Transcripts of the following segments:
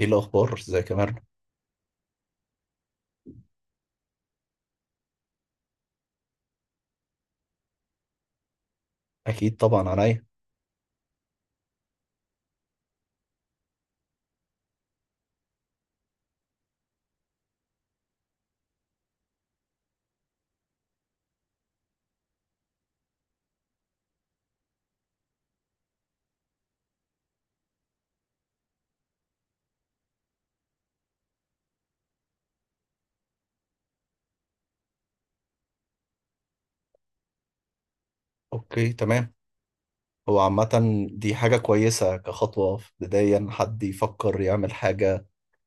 ايه الاخبار، ازيك يا مرنة؟ اكيد طبعا عليا. اوكي تمام. هو عامة دي حاجة كويسة كخطوة في بداية إن حد يفكر يعمل حاجة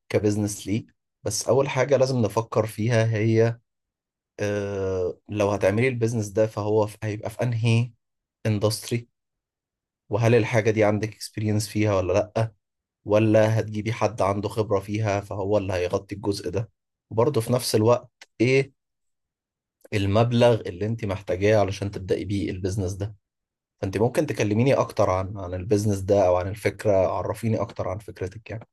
كبزنس ليه، بس أول حاجة لازم نفكر فيها هي آه لو هتعملي البيزنس ده فهو هيبقى في أنهي اندستري، وهل الحاجة دي عندك اكسبيرينس فيها ولا لأ، ولا هتجيبي حد عنده خبرة فيها فهو اللي هيغطي الجزء ده. وبرضه في نفس الوقت إيه المبلغ اللي أنت محتاجاه علشان تبدأي بيه البيزنس ده. فانت ممكن تكلميني اكتر عن البيزنس ده او عن الفكره، عرفيني اكتر عن فكرتك يعني.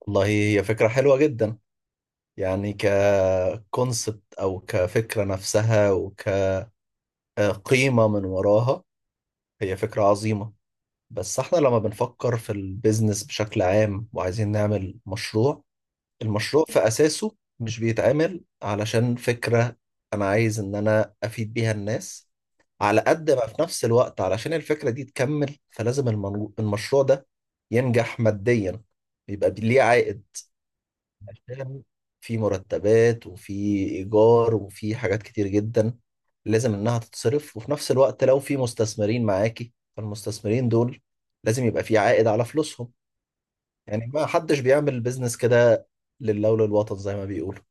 والله هي فكره حلوه جدا، يعني ككونسبت او كفكره نفسها وكقيمه من وراها هي فكره عظيمه. بس احنا لما بنفكر في البيزنس بشكل عام وعايزين نعمل مشروع، المشروع في اساسه مش بيتعمل علشان فكره انا عايز ان انا افيد بيها الناس على قد ما في نفس الوقت علشان الفكرة دي تكمل، فلازم المشروع ده ينجح ماديا، بيبقى ليه عائد عشان في مرتبات وفي إيجار وفي حاجات كتير جدا لازم إنها تتصرف. وفي نفس الوقت لو في مستثمرين معاكي فالمستثمرين دول لازم يبقى في عائد على فلوسهم. يعني ما حدش بيعمل بيزنس كده لله وللوطن زي ما بيقولوا.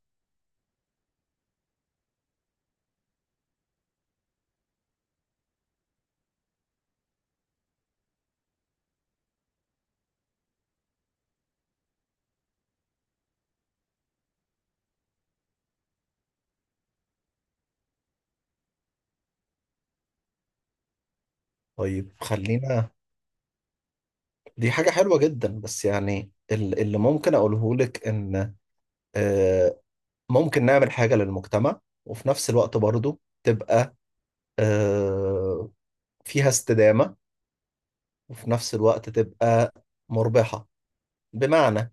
طيب خلينا، دي حاجة حلوة جدا بس يعني اللي ممكن أقوله لك إن آه، ممكن نعمل حاجة للمجتمع وفي نفس الوقت برضو تبقى آه، فيها استدامة وفي نفس الوقت تبقى مربحة. بمعنى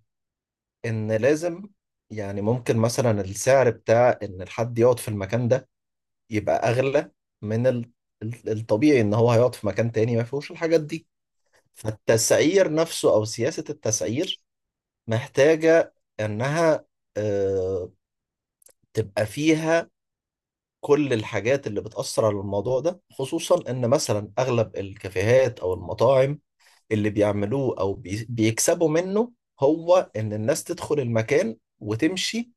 إن لازم، يعني ممكن مثلا السعر بتاع إن الحد يقعد في المكان ده يبقى أغلى من الطبيعي إن هو هيقعد في مكان تاني ما فيهوش الحاجات دي. فالتسعير نفسه أو سياسة التسعير محتاجة إنها آه، تبقى فيها كل الحاجات اللي بتأثر على الموضوع ده، خصوصا إن مثلا أغلب الكافيهات أو المطاعم اللي بيعملوه أو بيكسبوا منه هو إن الناس تدخل المكان وتمشي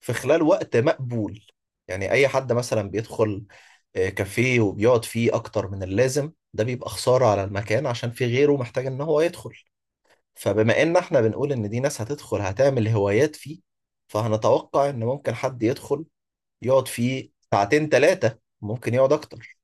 في خلال وقت مقبول. يعني أي حد مثلا بيدخل كافيه وبيقعد فيه أكتر من اللازم ده بيبقى خسارة على المكان عشان في غيره محتاج إن هو يدخل. فبما إن إحنا بنقول إن دي ناس هتدخل هتعمل هوايات فيه، فهنتوقع إن ممكن حد يدخل يقعد فيه ساعتين ثلاثة ممكن يقعد أكتر.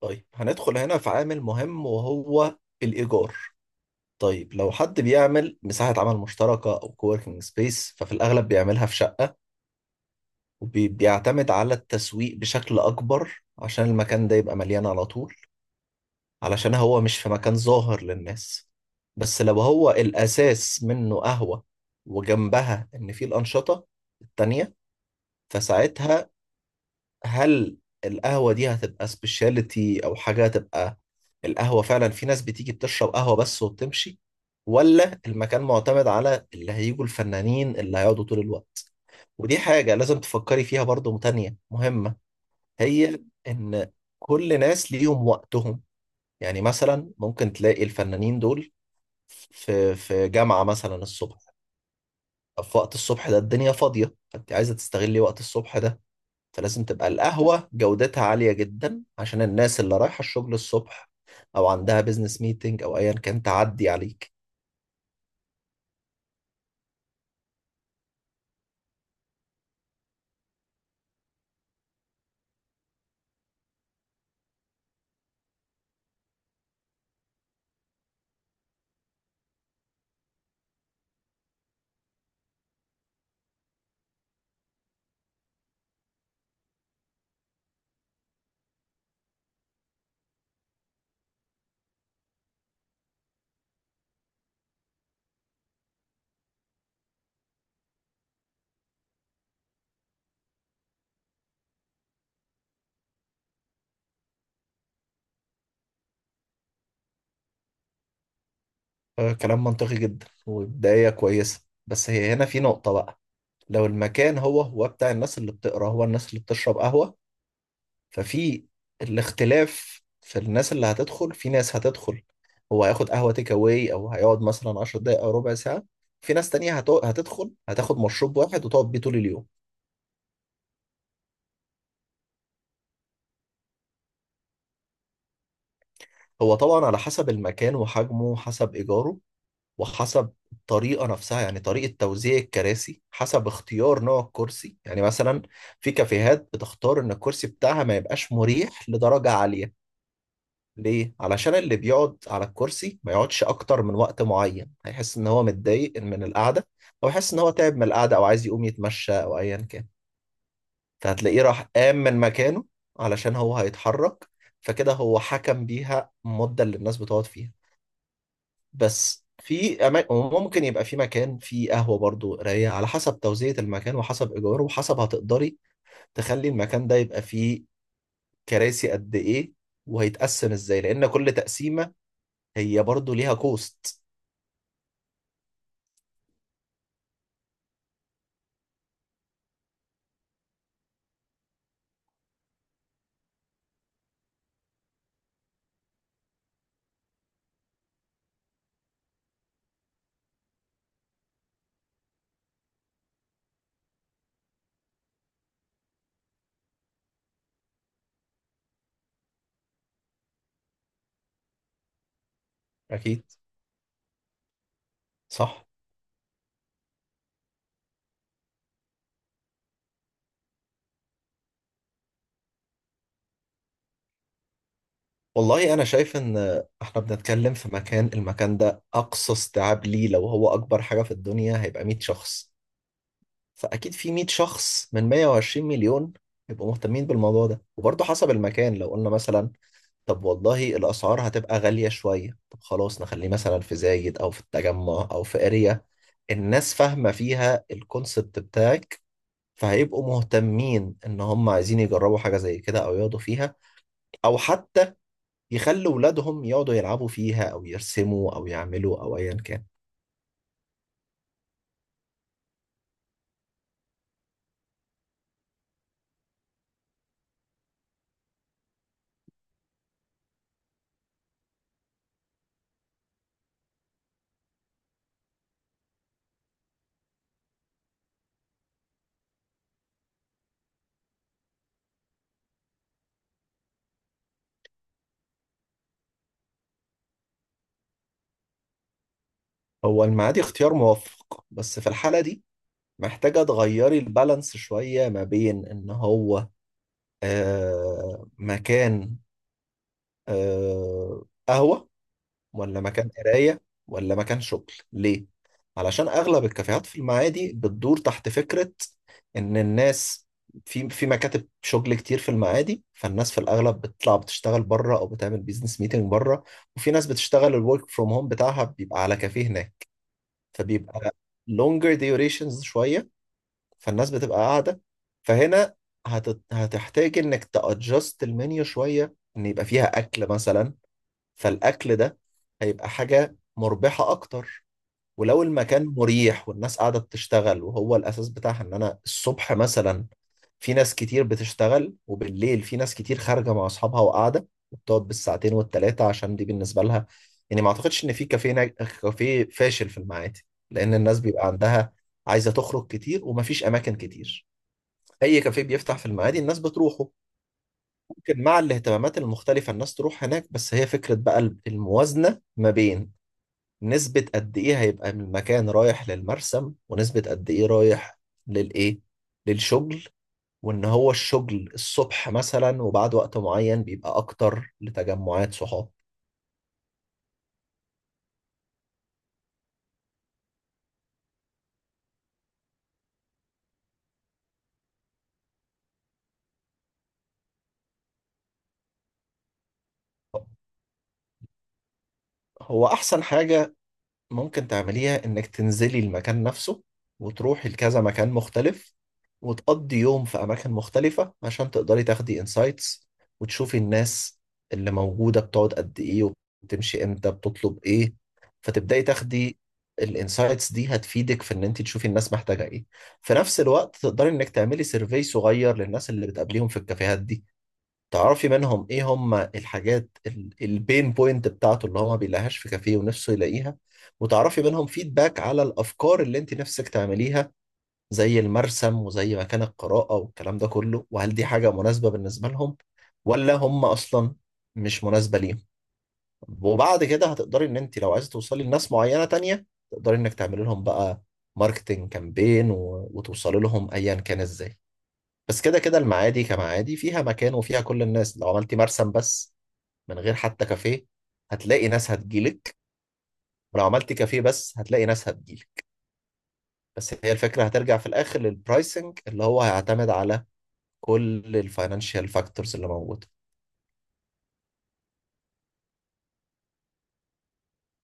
طيب هندخل هنا في عامل مهم وهو الإيجار. طيب لو حد بيعمل مساحة عمل مشتركة أو كووركينج سبيس ففي الأغلب بيعملها في شقة، وبيعتمد على التسويق بشكل أكبر عشان المكان ده يبقى مليان على طول، علشان هو مش في مكان ظاهر للناس. بس لو هو الأساس منه قهوة وجنبها إن فيه الأنشطة التانية، فساعتها هل القهوة دي هتبقى سبيشاليتي أو حاجة، هتبقى القهوة فعلا في ناس بتيجي بتشرب قهوة بس وبتمشي، ولا المكان معتمد على اللي هيجوا الفنانين اللي هيقعدوا طول الوقت. ودي حاجة لازم تفكري فيها برضو تانية مهمة، هي إن كل ناس ليهم وقتهم. يعني مثلا ممكن تلاقي الفنانين دول في جامعة مثلا الصبح. في وقت الصبح ده الدنيا فاضية فأنت عايزة تستغلي وقت الصبح ده، فلازم تبقى القهوة جودتها عالية جدا عشان الناس اللي رايحة الشغل الصبح أو عندها بيزنس ميتنج أو أيا كان تعدي عليك. كلام منطقي جدا وبداية كويسة، بس هي هنا في نقطة بقى. لو المكان هو هو بتاع الناس اللي بتقرأ هو الناس اللي بتشرب قهوة، ففي الاختلاف في الناس اللي هتدخل، في ناس هتدخل هو هياخد قهوة تيك أواي أو هيقعد مثلا 10 دقايق أو ربع ساعة، في ناس تانية هتدخل هتاخد مشروب واحد وتقعد بيه طول اليوم. هو طبعا على حسب المكان وحجمه وحسب إيجاره وحسب الطريقة نفسها، يعني طريقة توزيع الكراسي حسب اختيار نوع الكرسي. يعني مثلا في كافيهات بتختار إن الكرسي بتاعها ما يبقاش مريح لدرجة عالية. ليه؟ علشان اللي بيقعد على الكرسي ما يقعدش أكتر من وقت معين، هيحس إن هو متضايق من القعدة أو يحس إن هو تعب من القعدة أو عايز يقوم يتمشى أو أيا كان، فهتلاقيه راح قام من مكانه علشان هو هيتحرك. فكده هو حكم بيها المدة اللي الناس بتقعد فيها. بس في أماكن وممكن يبقى في مكان فيه قهوة برضو رايقة، على حسب توزيع المكان وحسب إيجاره وحسب هتقدري تخلي المكان ده يبقى فيه كراسي قد إيه وهيتقسم إزاي، لأن كل تقسيمة هي برضو ليها كوست. أكيد. صح. والله أنا شايف إن إحنا بنتكلم في مكان، المكان ده أقصى استيعاب ليه لو هو أكبر حاجة في الدنيا هيبقى 100 شخص، فأكيد في 100 شخص من 120 مليون يبقوا مهتمين بالموضوع ده. وبرضه حسب المكان لو قلنا مثلا طب والله الأسعار هتبقى غالية شوية، طب خلاص نخليه مثلا في زايد أو في التجمع أو في اريا الناس فاهمة فيها الكونسبت بتاعك، فهيبقوا مهتمين إن هم عايزين يجربوا حاجة زي كده أو يقعدوا فيها أو حتى يخلوا ولادهم يقعدوا يلعبوا فيها أو يرسموا أو يعملوا أو أيا كان. هو المعادي اختيار موفق بس في الحالة دي محتاجة تغيري البالانس شوية ما بين إن هو آه مكان، آه قهوة، ولا مكان قراية، ولا مكان شغل. ليه؟ علشان أغلب الكافيهات في المعادي بتدور تحت فكرة إن الناس في مكاتب شغل كتير في المعادي، فالناس في الأغلب بتطلع بتشتغل بره أو بتعمل بيزنس ميتنج بره، وفي ناس بتشتغل الورك فروم هوم بتاعها بيبقى على كافيه هناك، فبيبقى longer durations شوية، فالناس بتبقى قاعدة. فهنا هتحتاج إنك تأجست المنيو شوية إن يبقى فيها أكل مثلا، فالاكل ده هيبقى حاجه مربحه اكتر. ولو المكان مريح والناس قاعده بتشتغل وهو الاساس بتاعها ان انا الصبح مثلا في ناس كتير بتشتغل، وبالليل في ناس كتير خارجه مع اصحابها وقاعده وبتقعد بالساعتين والتلاته عشان دي بالنسبه لها، يعني ما اعتقدش ان في كافيه كافيه فاشل في المعادي، لان الناس بيبقى عندها عايزه تخرج كتير ومفيش اماكن كتير. اي كافيه بيفتح في المعادي الناس بتروحه، ممكن مع الاهتمامات المختلفة الناس تروح هناك. بس هي فكرة بقى الموازنة ما بين نسبة قد إيه هيبقى من المكان رايح للمرسم ونسبة قد إيه رايح للإيه، للشغل، وإن هو الشغل الصبح مثلا وبعد وقت معين بيبقى أكتر لتجمعات صحاب. هو أحسن حاجة ممكن تعمليها انك تنزلي المكان نفسه وتروحي لكذا مكان مختلف وتقضي يوم في اماكن مختلفة عشان تقدري تاخدي انسايتس وتشوفي الناس اللي موجودة بتقعد قد ايه وبتمشي امتى بتطلب ايه، فتبداي تاخدي الانسايتس دي هتفيدك في ان انت تشوفي الناس محتاجة ايه. في نفس الوقت تقدري انك تعملي سيرفي صغير للناس اللي بتقابليهم في الكافيهات دي، تعرفي منهم ايه هم الحاجات، البين بوينت بتاعته اللي هو ما بيلاقيهاش في كافيه ونفسه يلاقيها، وتعرفي منهم فيدباك على الافكار اللي انت نفسك تعمليها زي المرسم وزي مكان القراءة والكلام ده كله، وهل دي حاجة مناسبة بالنسبة لهم ولا هم اصلا مش مناسبة ليهم. وبعد كده هتقدري ان انت لو عايزة توصلي لناس معينة تانية تقدري انك تعملي لهم بقى ماركتنج كامبين وتوصلي لهم ايا كان ازاي. بس كده كده المعادي كمعادي فيها مكان وفيها كل الناس، لو عملتي مرسم بس من غير حتى كافيه هتلاقي ناس هتجيلك، ولو عملتي كافيه بس هتلاقي ناس هتجيلك. بس هي الفكرة هترجع في الآخر للبرايسنج اللي هو هيعتمد على كل الفاينانشال فاكتورز اللي موجودة.